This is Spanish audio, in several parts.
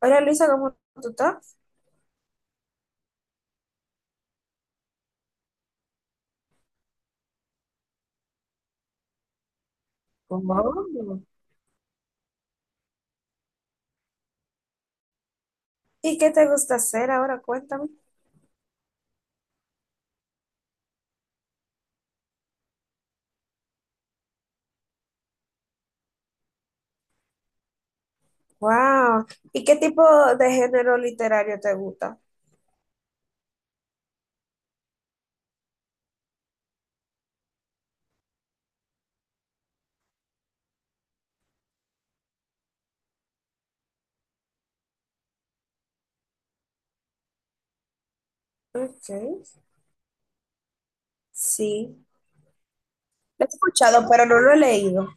Hola Luisa, ¿cómo tú estás? ¿Cómo? ¿Y qué te gusta hacer ahora? Cuéntame. Wow. ¿Y qué tipo de género literario te gusta? Ok. Sí. Lo he escuchado, pero no lo he leído.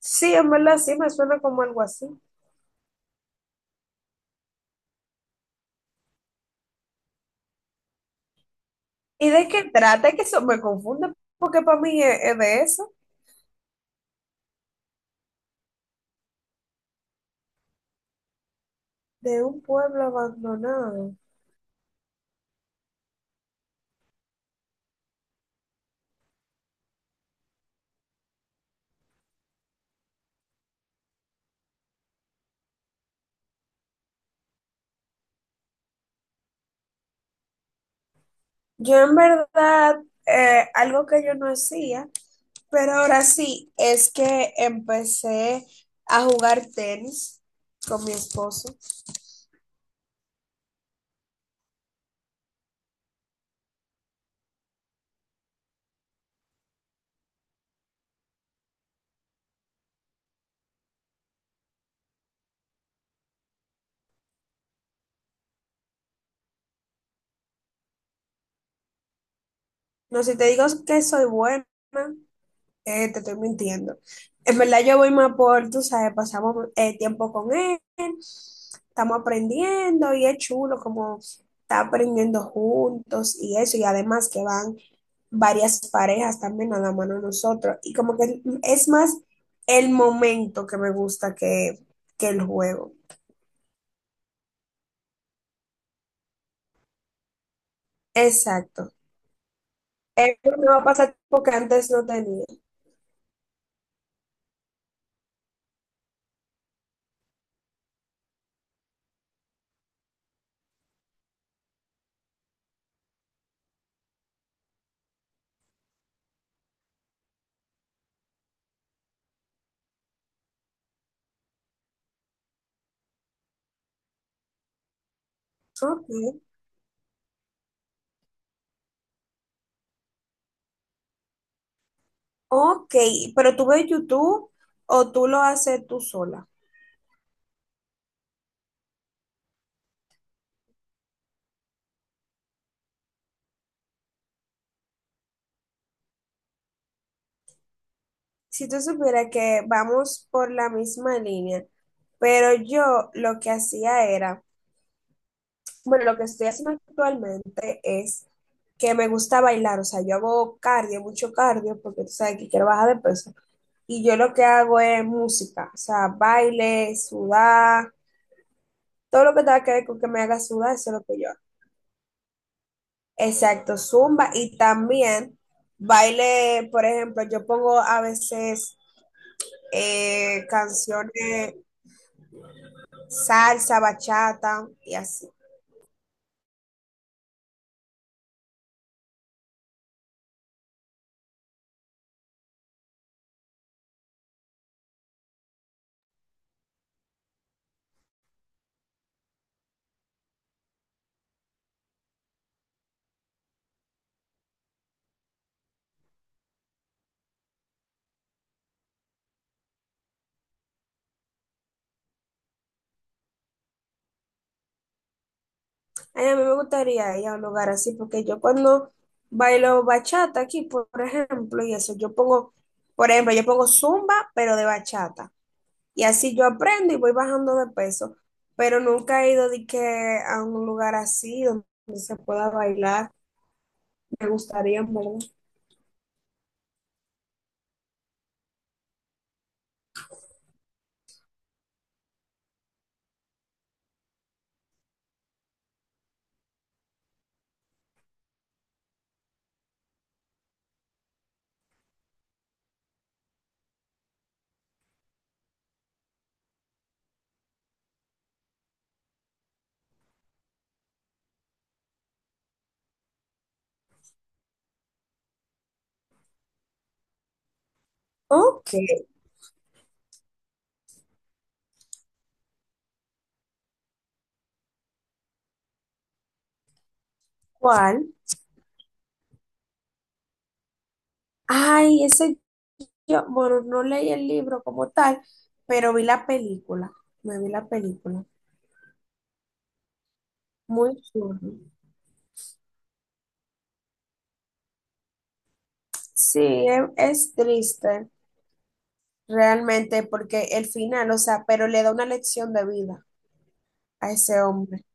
Sí, en verdad sí, me suena como algo así. ¿Y de qué trata? Es que eso me confunde, porque para mí es de eso, de un pueblo abandonado. Yo en verdad, algo que yo no hacía, pero ahora sí, es que empecé a jugar tenis con mi esposo. No, si te digo que soy buena, te estoy mintiendo. En verdad yo voy más por, tú sabes, pasamos tiempo con él, estamos aprendiendo y es chulo como está aprendiendo juntos y eso, y además que van varias parejas también a la mano de nosotros, y como que es más el momento que me gusta que el juego. Exacto. Es un nuevo pasatiempo que antes no tenía. Ok. Ok, pero tú ves YouTube o tú lo haces tú sola. Si tú supieras que vamos por la misma línea, pero yo lo que hacía era, bueno, lo que estoy haciendo actualmente es que me gusta bailar, o sea, yo hago cardio, mucho cardio, porque tú sabes que quiero bajar de peso, y yo lo que hago es música, o sea, baile, sudar, todo lo que tenga que ver con que me haga sudar, eso es lo que yo hago. Exacto, zumba y también baile, por ejemplo, yo pongo a veces canciones salsa, bachata y así. Ay, a mí me gustaría ir a un lugar así porque yo cuando bailo bachata aquí, por ejemplo, y eso, yo pongo, por ejemplo, yo pongo zumba, pero de bachata. Y así yo aprendo y voy bajando de peso, pero nunca he ido de que a un lugar así donde se pueda bailar. Me gustaría, ¿en verdad? Ok, ¿cuál? Ay, ese yo, bueno, no leí el libro como tal, pero vi la película. Me vi la película. Muy chulo. Sí, es triste realmente porque el final, o sea, pero le da una lección de vida a ese hombre.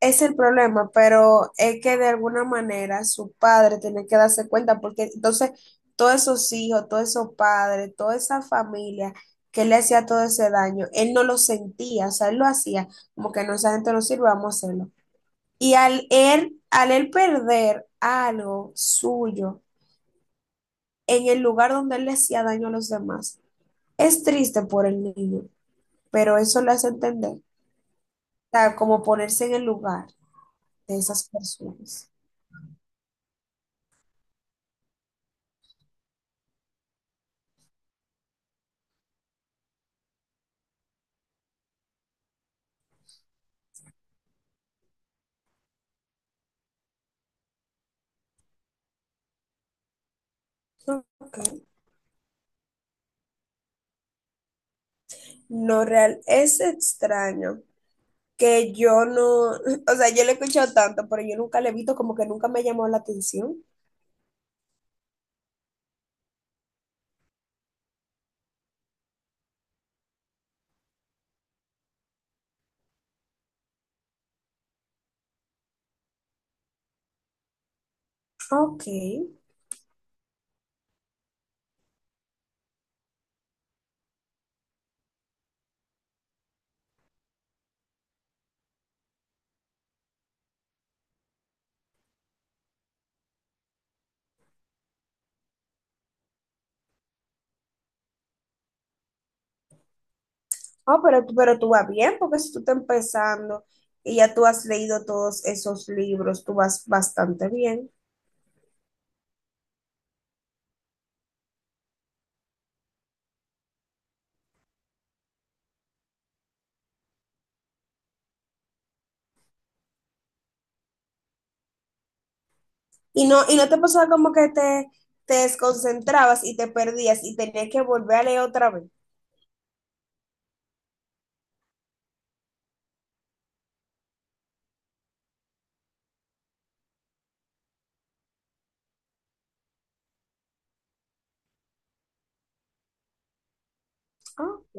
Es el problema, pero es que de alguna manera su padre tiene que darse cuenta, porque entonces todos esos hijos, todos esos padres, toda esa familia que le hacía todo ese daño, él no lo sentía, o sea, él lo hacía como que no, esa gente no sirve, vamos a hacerlo. Y al él perder algo suyo en el lugar donde él le hacía daño a los demás, es triste por el niño, pero eso le hace entender, o sea, como ponerse en el lugar de esas personas. Ok. No real, es extraño que yo no, o sea, yo le he escuchado tanto, pero yo nunca le he visto, como que nunca me llamó la atención. Ok. Oh, pero, pero tú vas bien, porque si tú estás empezando y ya tú has leído todos esos libros, tú vas bastante bien. Y no te pasaba como que te desconcentrabas y te perdías y tenías que volver a leer otra vez. Ok.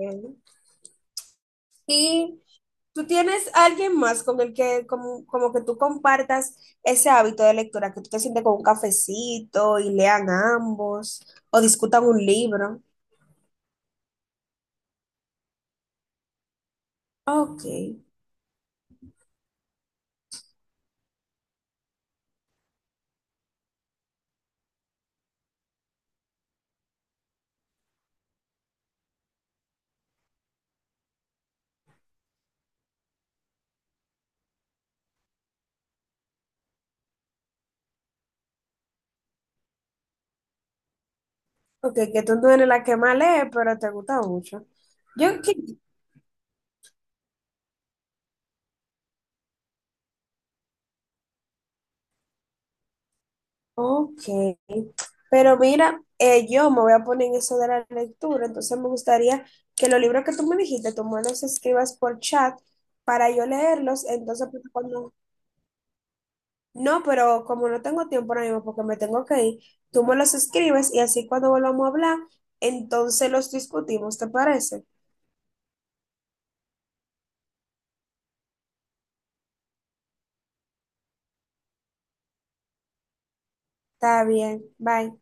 Y ¿tú tienes alguien más con el que como, como que tú compartas ese hábito de lectura, que tú te sientes con un cafecito y lean ambos o discutan un libro? Ok, ok, que tú no eres la que más lee, pero te gusta mucho. Yo, que- ok, pero mira, yo me voy a poner en eso de la lectura, entonces me gustaría que los libros que tú me dijiste, tú me los escribas por chat para yo leerlos, entonces pues, cuando... No, pero como no tengo tiempo ahora mismo porque me tengo que ir, tú me los escribes y así cuando volvamos a hablar, entonces los discutimos, ¿te parece? Está bien, bye.